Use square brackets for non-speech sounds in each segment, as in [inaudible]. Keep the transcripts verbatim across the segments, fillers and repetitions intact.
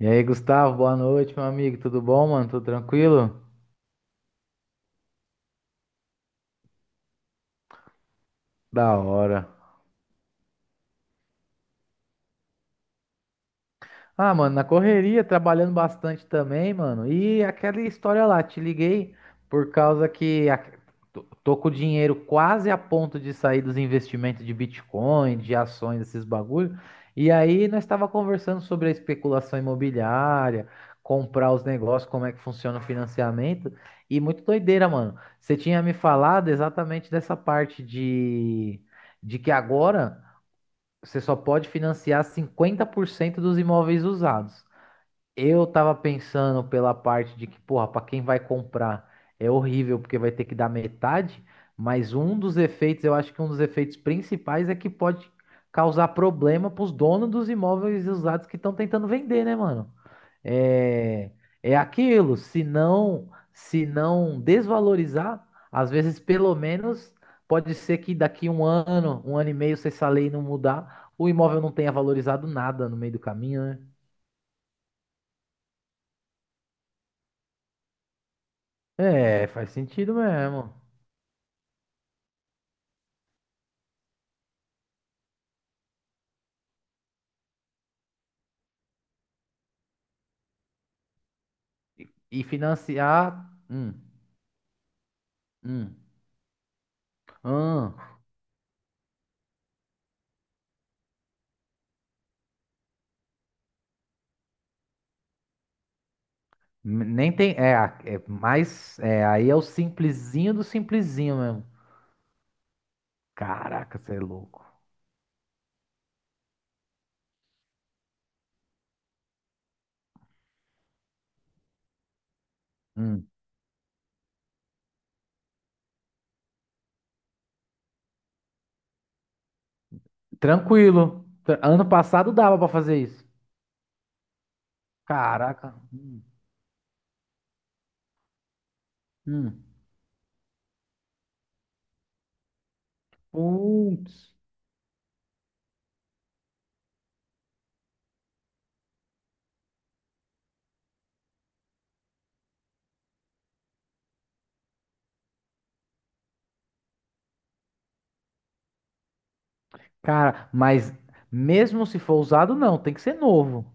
E aí, Gustavo, boa noite, meu amigo. Tudo bom, mano? Tudo tranquilo? Da hora. Ah, mano, na correria, trabalhando bastante também, mano. E aquela história lá, te liguei por causa que a- tô tô com o dinheiro quase a ponto de sair dos investimentos de Bitcoin, de ações, esses bagulho. E aí nós estava conversando sobre a especulação imobiliária, comprar os negócios, como é que funciona o financiamento. E muito doideira, mano. Você tinha me falado exatamente dessa parte de, de que agora você só pode financiar cinquenta por cento dos imóveis usados. Eu tava pensando pela parte de que, porra, pra quem vai comprar é horrível porque vai ter que dar metade, mas um dos efeitos, eu acho que um dos efeitos principais é que pode causar problema pros donos dos imóveis usados que estão tentando vender, né, mano? É, é aquilo, se não, se não desvalorizar, às vezes pelo menos pode ser que daqui um ano, um ano e meio, se essa lei não mudar, o imóvel não tenha valorizado nada no meio do caminho, né? É, faz sentido mesmo. E, e financiar. Hum, hum, hum. Nem tem. É, a- é mais. É, aí é o simplesinho do simplesinho mesmo. Caraca, você é louco. Hum. Tranquilo. Tra- Ano passado dava pra fazer isso. Caraca. Hum. Hum. Putz. Cara, mas mesmo se for usado, não, tem que ser novo.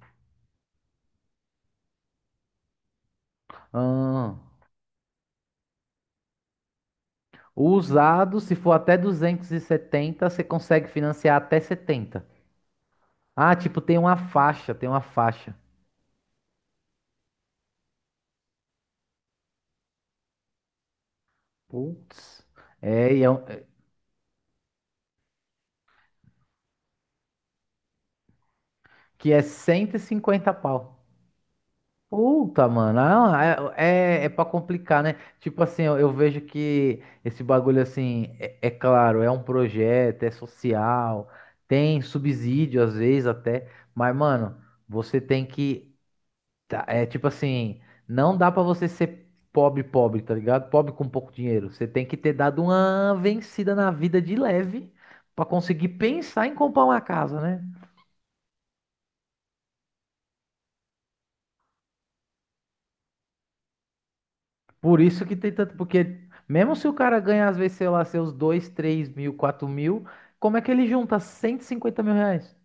Ah. O usado, se for até duzentos e setenta, você consegue financiar até setenta. Ah, tipo, tem uma faixa, tem uma faixa. Putz. É, e é um- que é cento e cinquenta pau. Puta, mano. Ah, é, é, é pra complicar, né? Tipo assim, eu, eu vejo que esse bagulho, assim, é, é claro, é um projeto, é social, tem subsídio às vezes até. Mas, mano, você tem que. Tá, é tipo assim, não dá pra você ser pobre, pobre, tá ligado? Pobre com pouco dinheiro. Você tem que ter dado uma vencida na vida de leve pra conseguir pensar em comprar uma casa, né? Por isso que tem tanto, porque mesmo se o cara ganha, às vezes, sei lá, seus dois, três mil, quatro mil, como é que ele junta cento e cinquenta mil reais?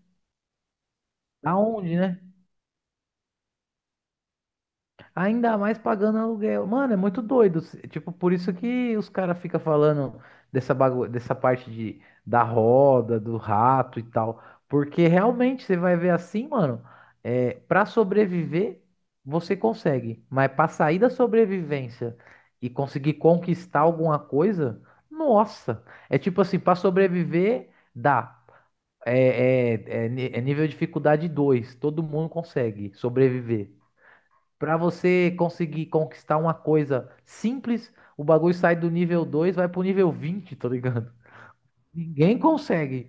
Aonde, né? Ainda mais pagando aluguel. Mano, é muito doido. Se- Tipo, por isso que os caras ficam falando dessa, bagu... dessa parte de... da roda, do rato e tal. Porque realmente você vai ver assim, mano, é... para sobreviver, você consegue. Mas pra sair da sobrevivência e conseguir conquistar alguma coisa, nossa. É tipo assim, pra sobreviver, dá. É, é, é ni- é nível de dificuldade dois. Todo mundo consegue sobreviver. Pra você conseguir conquistar uma coisa simples, o bagulho sai do nível dois, vai pro nível vinte, tá ligado? [laughs] Ninguém consegue.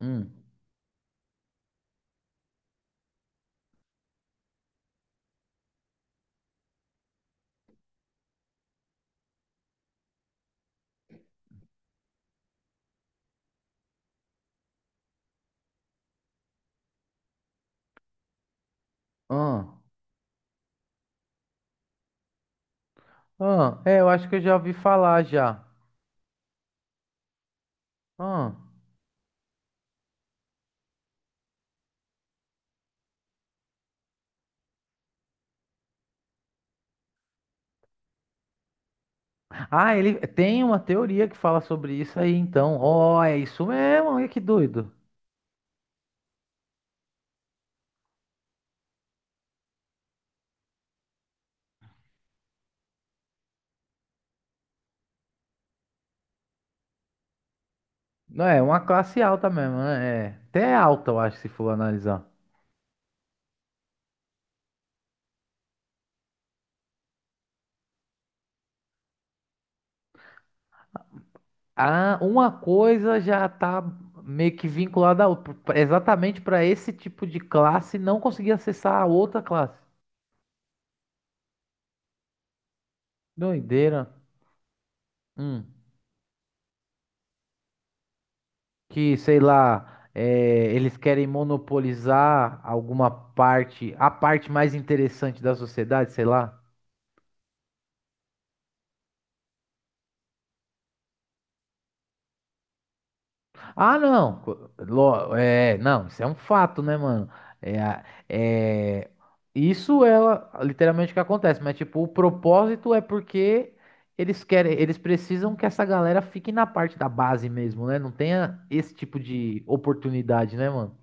Hum. Ah. Ah. É, eu acho que eu já ouvi falar já. Ah. Ah, ele tem uma teoria que fala sobre isso aí, então. Ó, é isso mesmo, olha que doido. Não é, uma classe alta mesmo, né? É, até é alta, eu acho, se for analisar. Ah, uma coisa já tá meio que vinculada a outra, exatamente para esse tipo de classe não conseguir acessar a outra classe. Doideira. Hum. Que, sei lá, é, eles querem monopolizar alguma parte, a parte mais interessante da sociedade, sei lá. Ah, não. co- lo- É, não, isso é um fato, né, mano? É, a- é, isso é a- literalmente o que acontece, mas tipo, o propósito é porque eles querem, eles precisam que essa galera fique na parte da base mesmo, né? Não tenha esse tipo de oportunidade, né, mano?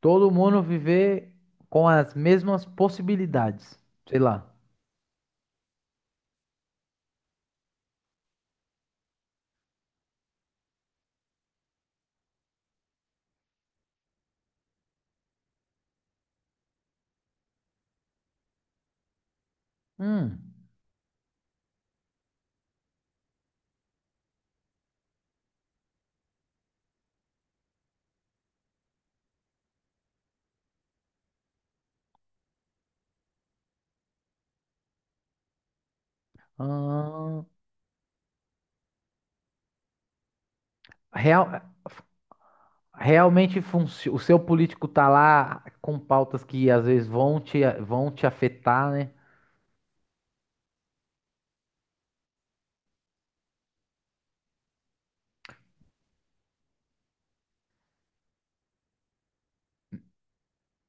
Todo mundo viver com as mesmas possibilidades, sei lá. Hum. Ah, real, realmente funci- o seu político tá lá com pautas que às vezes vão te, vão te afetar, né?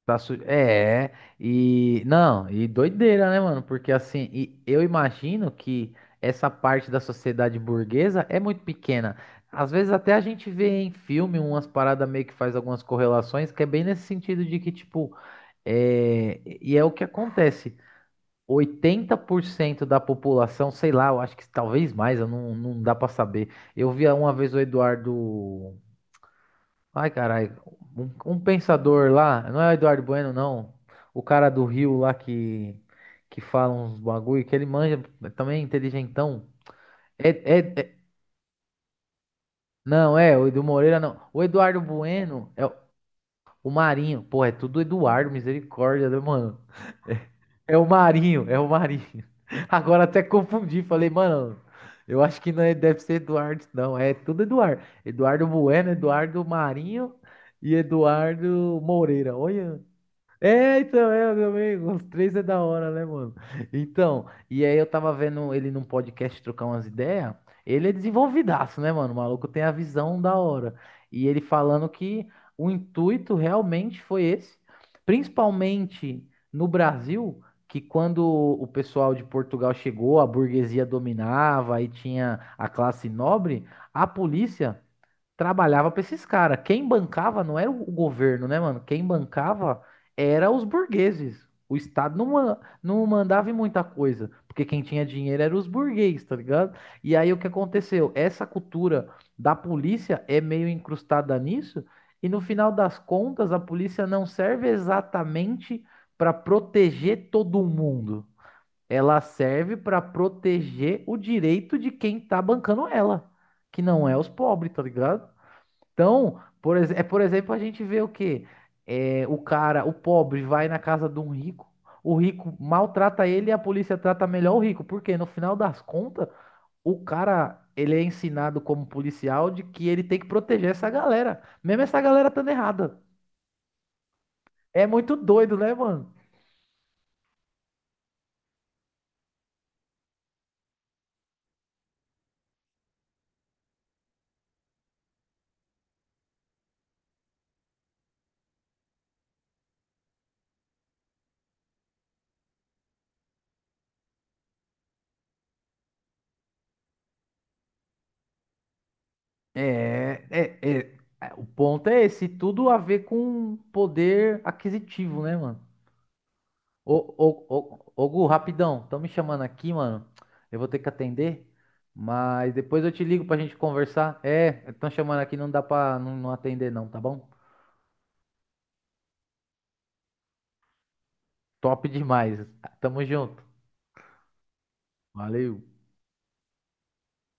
Tá su- É, é. e não, e doideira, né, mano? Porque assim, e eu imagino que essa parte da sociedade burguesa é muito pequena. Às vezes até a gente vê em filme umas paradas meio que faz algumas correlações, que é bem nesse sentido de que, tipo, é, e é o que acontece. Oitenta por cento da população, sei lá, eu acho que talvez mais, eu não, não dá pra saber. Eu via uma vez o Eduardo. Ai, caralho, um, um pensador lá, não é o Eduardo Bueno, não. O cara do Rio lá que, que fala uns bagulho, que ele manja, também é inteligentão. É, é, é- não, é, o Edu Moreira não. O Eduardo Bueno é o, o Marinho. Pô, é tudo Eduardo, misericórdia, né, mano? [laughs] É o Marinho, é o Marinho. [laughs] Agora até confundi, falei, mano, eu acho que não é- deve ser Eduardo, não. É tudo Eduardo. Eduardo Bueno, Eduardo Marinho e Eduardo Moreira. Olha, é, então, é, meu amigo, os três é da hora, né, mano? Então, e aí eu tava vendo ele num podcast trocar umas ideias. Ele é desenvolvidaço, né, mano? O maluco tem a visão da hora. E ele falando que o intuito realmente foi esse, principalmente no Brasil, que quando o pessoal de Portugal chegou, a burguesia dominava e tinha a classe nobre, a polícia trabalhava para esses caras. Quem bancava não era o governo, né, mano? Quem bancava era os burgueses. O Estado não, ma- não mandava em muita coisa, porque quem tinha dinheiro era os burgueses, tá ligado? E aí o que aconteceu? Essa cultura da polícia é meio incrustada nisso, e no final das contas, a polícia não serve exatamente para proteger todo mundo. Ela serve para proteger o direito de quem tá bancando ela, que não é os pobres, tá ligado? Então, por, ex- é por exemplo, a gente vê o quê? É, o cara, o pobre, vai na casa de um rico, o rico maltrata ele e a polícia trata melhor o rico, porque no final das contas, o cara, ele é ensinado como policial de que ele tem que proteger essa galera, mesmo essa galera estando errada. É muito doido, né, mano? É, é, é, é, o ponto é esse, tudo a ver com poder aquisitivo, né, mano? Ô, ô, ô, ô, Gu, rapidão, estão me chamando aqui, mano. Eu vou ter que atender, mas depois eu te ligo pra gente conversar. É, estão chamando aqui, não dá pra não, não atender não, tá bom? Top demais. Tamo junto. Valeu.